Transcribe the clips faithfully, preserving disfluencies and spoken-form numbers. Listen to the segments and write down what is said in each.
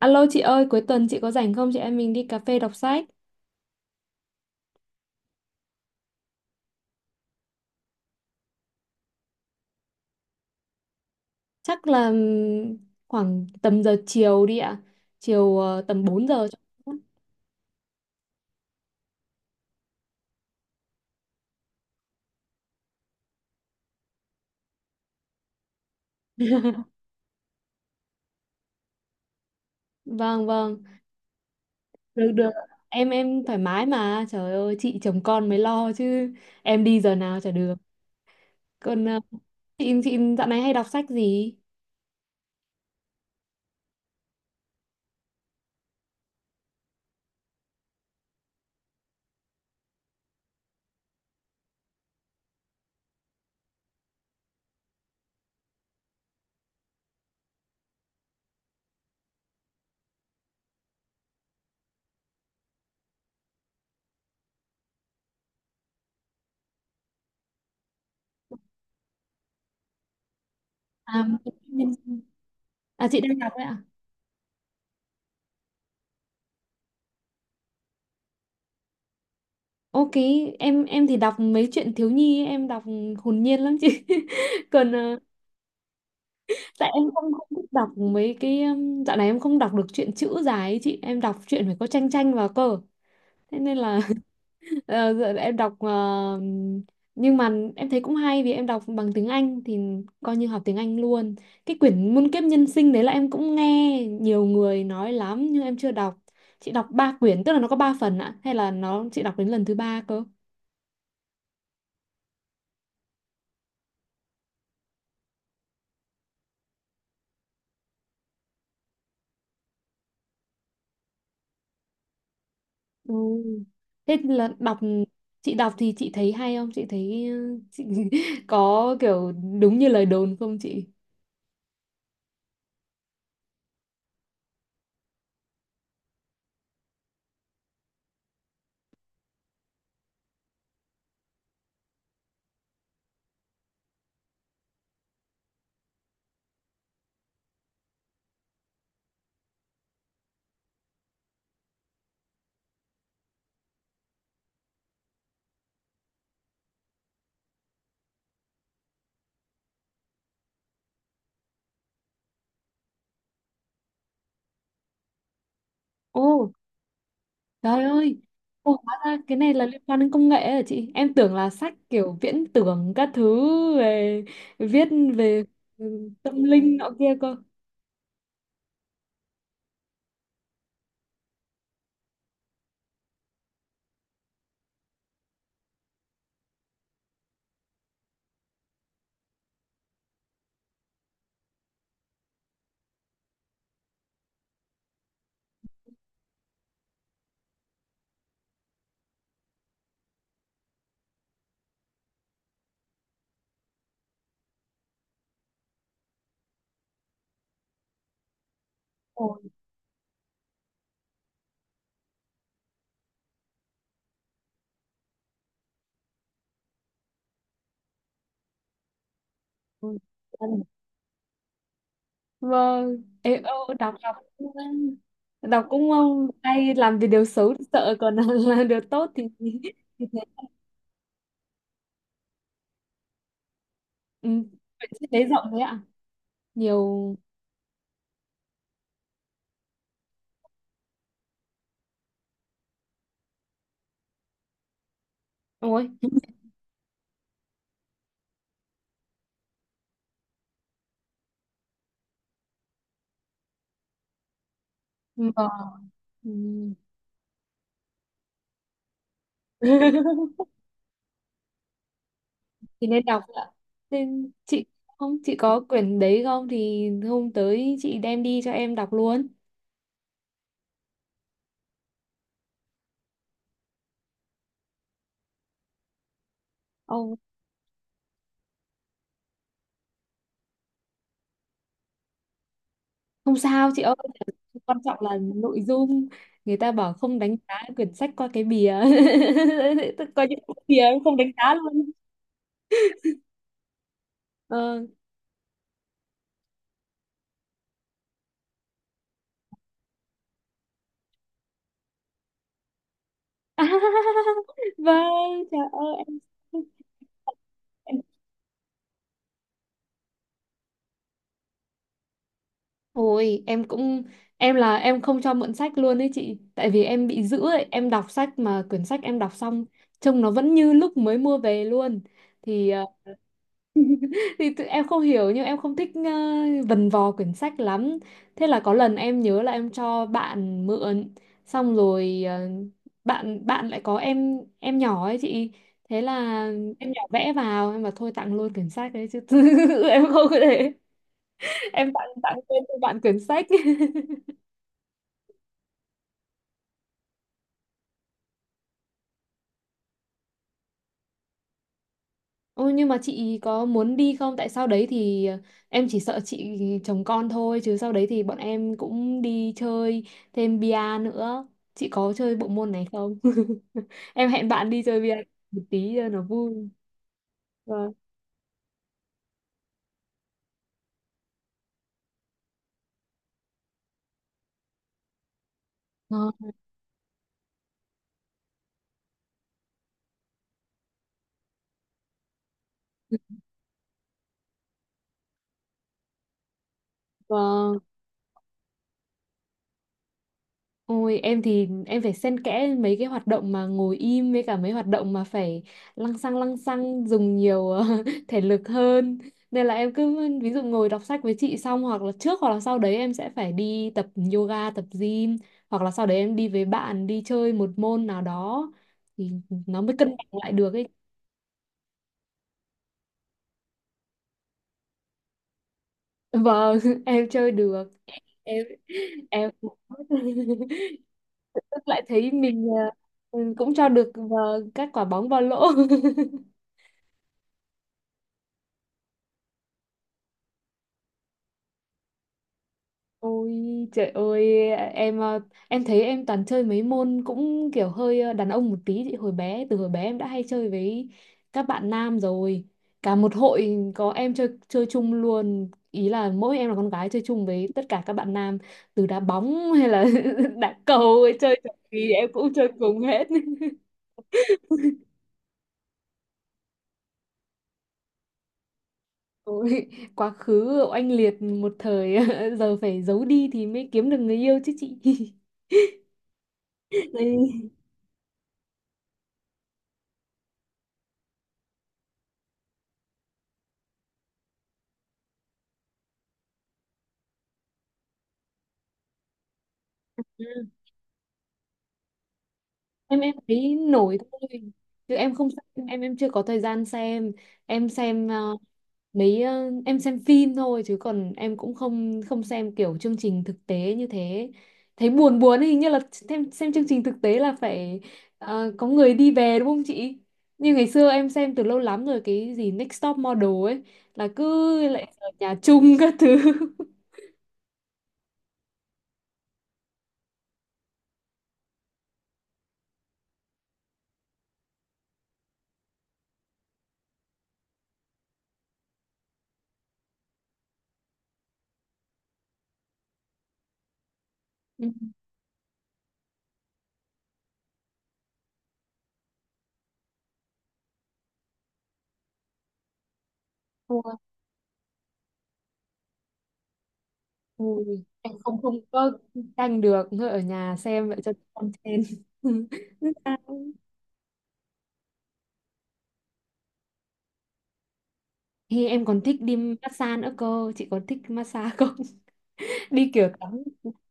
Alo chị ơi, cuối tuần chị có rảnh không? Chị em mình đi cà phê đọc sách. Chắc là ừm, khoảng tầm giờ chiều đi ạ. Chiều ờ, tầm bốn giờ. Vâng, vâng. Được, được. Em em thoải mái mà. Trời ơi, chị chồng con mới lo chứ. Em đi giờ nào chả được. Còn ờ, chị chị dạo này hay đọc sách gì? À, à chị đang đọc đấy ạ. Ok, em em thì đọc mấy chuyện thiếu nhi, ấy, em đọc hồn nhiên lắm chị. Còn ờ, tại em không không thích đọc mấy cái um, dạo này em không đọc được truyện chữ dài ấy chị em đọc truyện phải có tranh tranh vào cơ thế nên là ờ, giờ em đọc ờ, nhưng mà em thấy cũng hay vì em đọc bằng tiếng Anh thì coi như học tiếng Anh luôn. Cái quyển Muôn kiếp nhân sinh đấy là em cũng nghe nhiều người nói lắm nhưng em chưa đọc. Chị đọc ba quyển, tức là nó có ba phần ạ, hay là nó chị đọc đến lần thứ ba cơ? Ừ. Thế là đọc, chị đọc thì chị thấy hay không? Chị thấy ừ, chị có kiểu đúng như lời đồn không chị? Ồ, trời ơi. Ồ, hóa ra cái này là liên quan đến công nghệ à chị? Em tưởng là sách kiểu viễn tưởng các thứ về viết về ừ, tâm linh nọ kia cơ. Ồ, ôi, vâng. Vâng. Ê, ô, đọc đọc cũng- đọc cũng ừ, hay làm vì điều xấu thì sợ còn là điều tốt thì, thì thế. Ừ. Vậy chị thấy rộng đấy ạ, nhiều. Ôi, vâng. ừm, thì nên đọc ạ. Nên chị không, chị có quyển đấy không thì hôm tới chị đem đi cho em đọc luôn. Ông không sao chị ơi, quan trọng là nội dung. Người ta bảo không đánh giá quyển sách qua cái bìa. Tức coi những cái bìa em không đánh giá luôn. ờ vâng, trời ơi. Em Ôi, em cũng, em là em không cho mượn sách luôn ấy chị, tại vì em bị giữ ấy, em đọc sách mà quyển sách em đọc xong trông nó vẫn như lúc mới mua về luôn. Thì ờ, thì tự- em không hiểu nhưng em không thích ờ, vần vò quyển sách lắm. Thế là có lần em nhớ là em cho bạn mượn xong rồi ờ, bạn bạn lại có em em nhỏ ấy chị. Thế là em nhỏ vẽ vào, em bảo thôi tặng luôn quyển sách đấy chứ em không có để em tặng tặng quên cho bạn quyển sách. Ôi nhưng mà chị có muốn đi không? Tại sau đấy thì ờ, em chỉ sợ chị chồng con thôi chứ sau đấy thì bọn em cũng đi chơi thêm bia nữa. Chị có chơi bộ môn này không? Em hẹn bạn đi chơi bia một tí cho nó vui. Vâng. Vâng. Vâng. Ôi em thì em phải xen kẽ mấy cái hoạt động mà ngồi im với cả mấy hoạt động mà phải lăng xăng lăng xăng dùng nhiều ờ, thể lực hơn. Nên là em cứ ví dụ ngồi đọc sách với chị xong hoặc là trước hoặc là sau đấy em sẽ phải đi tập yoga, tập gym hoặc là sau đấy em đi với bạn đi chơi một môn nào đó thì nó mới cân bằng lại được ấy. Vâng, em chơi được. em em tức lại thấy mình à, ừ, cũng cho được vào các quả bóng vào lỗ. Ôi trời ơi, em à, em thấy em toàn chơi mấy môn cũng kiểu hơi à, đàn ông một tí. Thì hồi bé Từ hồi bé em đã hay chơi với các bạn nam rồi, cả một hội có em chơi chơi chung luôn, ý là mỗi em là con gái chơi chung với tất cả các bạn nam từ đá bóng hay là đá cầu ấy, chơi trò gì em cũng chơi cùng hết. Ôi, quá khứ oanh liệt một thời, giờ phải giấu đi thì mới kiếm được người yêu chứ chị. Ê, Ừ. em em thấy nổi thôi chứ em không xem, em em chưa có thời gian xem. Em xem ờ, mấy ờ, em xem phim thôi chứ còn em cũng không không xem kiểu chương trình thực tế như thế, thấy buồn buồn ấy, hình như là xem xem chương trình thực tế là phải ờ, có người đi về đúng không chị? Như ngày xưa em xem từ lâu lắm rồi cái gì Next Top Model ấy là cứ lại ở nhà chung các thứ. Ừ. Thua. Ui, em không không có tranh được, thôi ở nhà xem vậy cho con trên. Thì em còn thích đi massage nữa cơ, chị có thích massage không? Đi kiểu tắm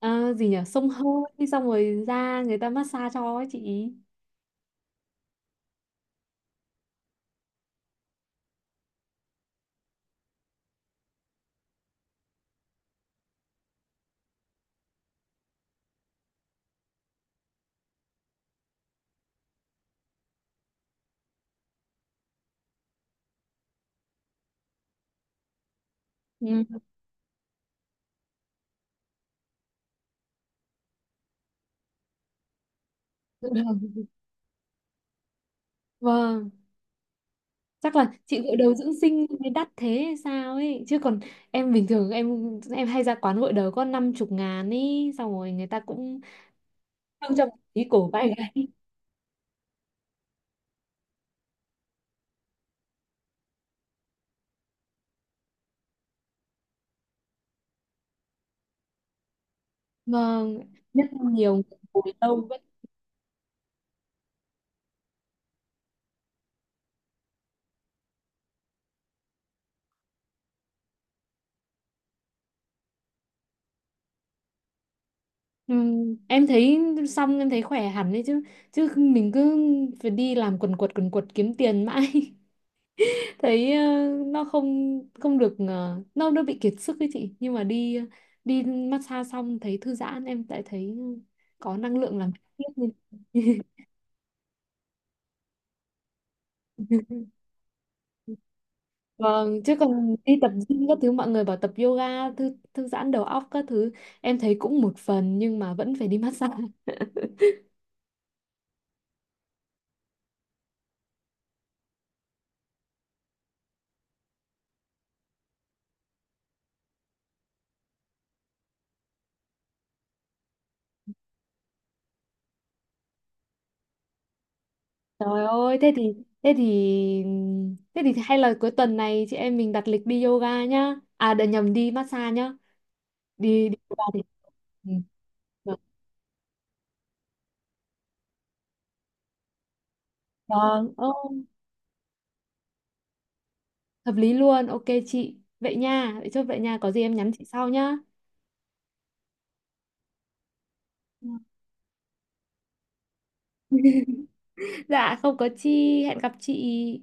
à, gì nhỉ, xông hơi xong rồi ra người ta massage cho ấy chị. Ừ. Dự đầu. Vâng, chắc là chị gội đầu dưỡng sinh mới đắt thế hay sao ấy, chứ còn em bình thường em em hay ra quán gội đầu có năm chục ngàn ấy, xong rồi người ta cũng không cho một tí cổ bay này, vâng, nhất là nhiều người ngồi lâu vẫn. Ừm, em thấy xong em thấy khỏe hẳn đấy chứ, chứ mình cứ phải đi làm quần quật quần quật kiếm tiền mãi thấy ờ, nó không không được, ờ, nó nó bị kiệt sức ấy chị, nhưng mà đi đi massage xong thấy thư giãn em lại thấy ừ, có năng lượng làm việc tiếp nên- vâng, chứ còn đi tập gym các thứ mọi người bảo tập yoga thư thư giãn đầu óc các thứ em thấy cũng một phần nhưng mà vẫn phải đi massage. Trời ơi thế thì thế thì thế thì hay là cuối tuần này chị em mình đặt lịch đi yoga nhá, à để nhầm đi massage nhá, đi đi yoga thì ừ. Vâng, ô, hợp lý luôn, ok chị. Vậy nha, vậy chốt vậy nha, có gì em nhắn chị sau nhá. Dạ, không có chi, hẹn gặp chị.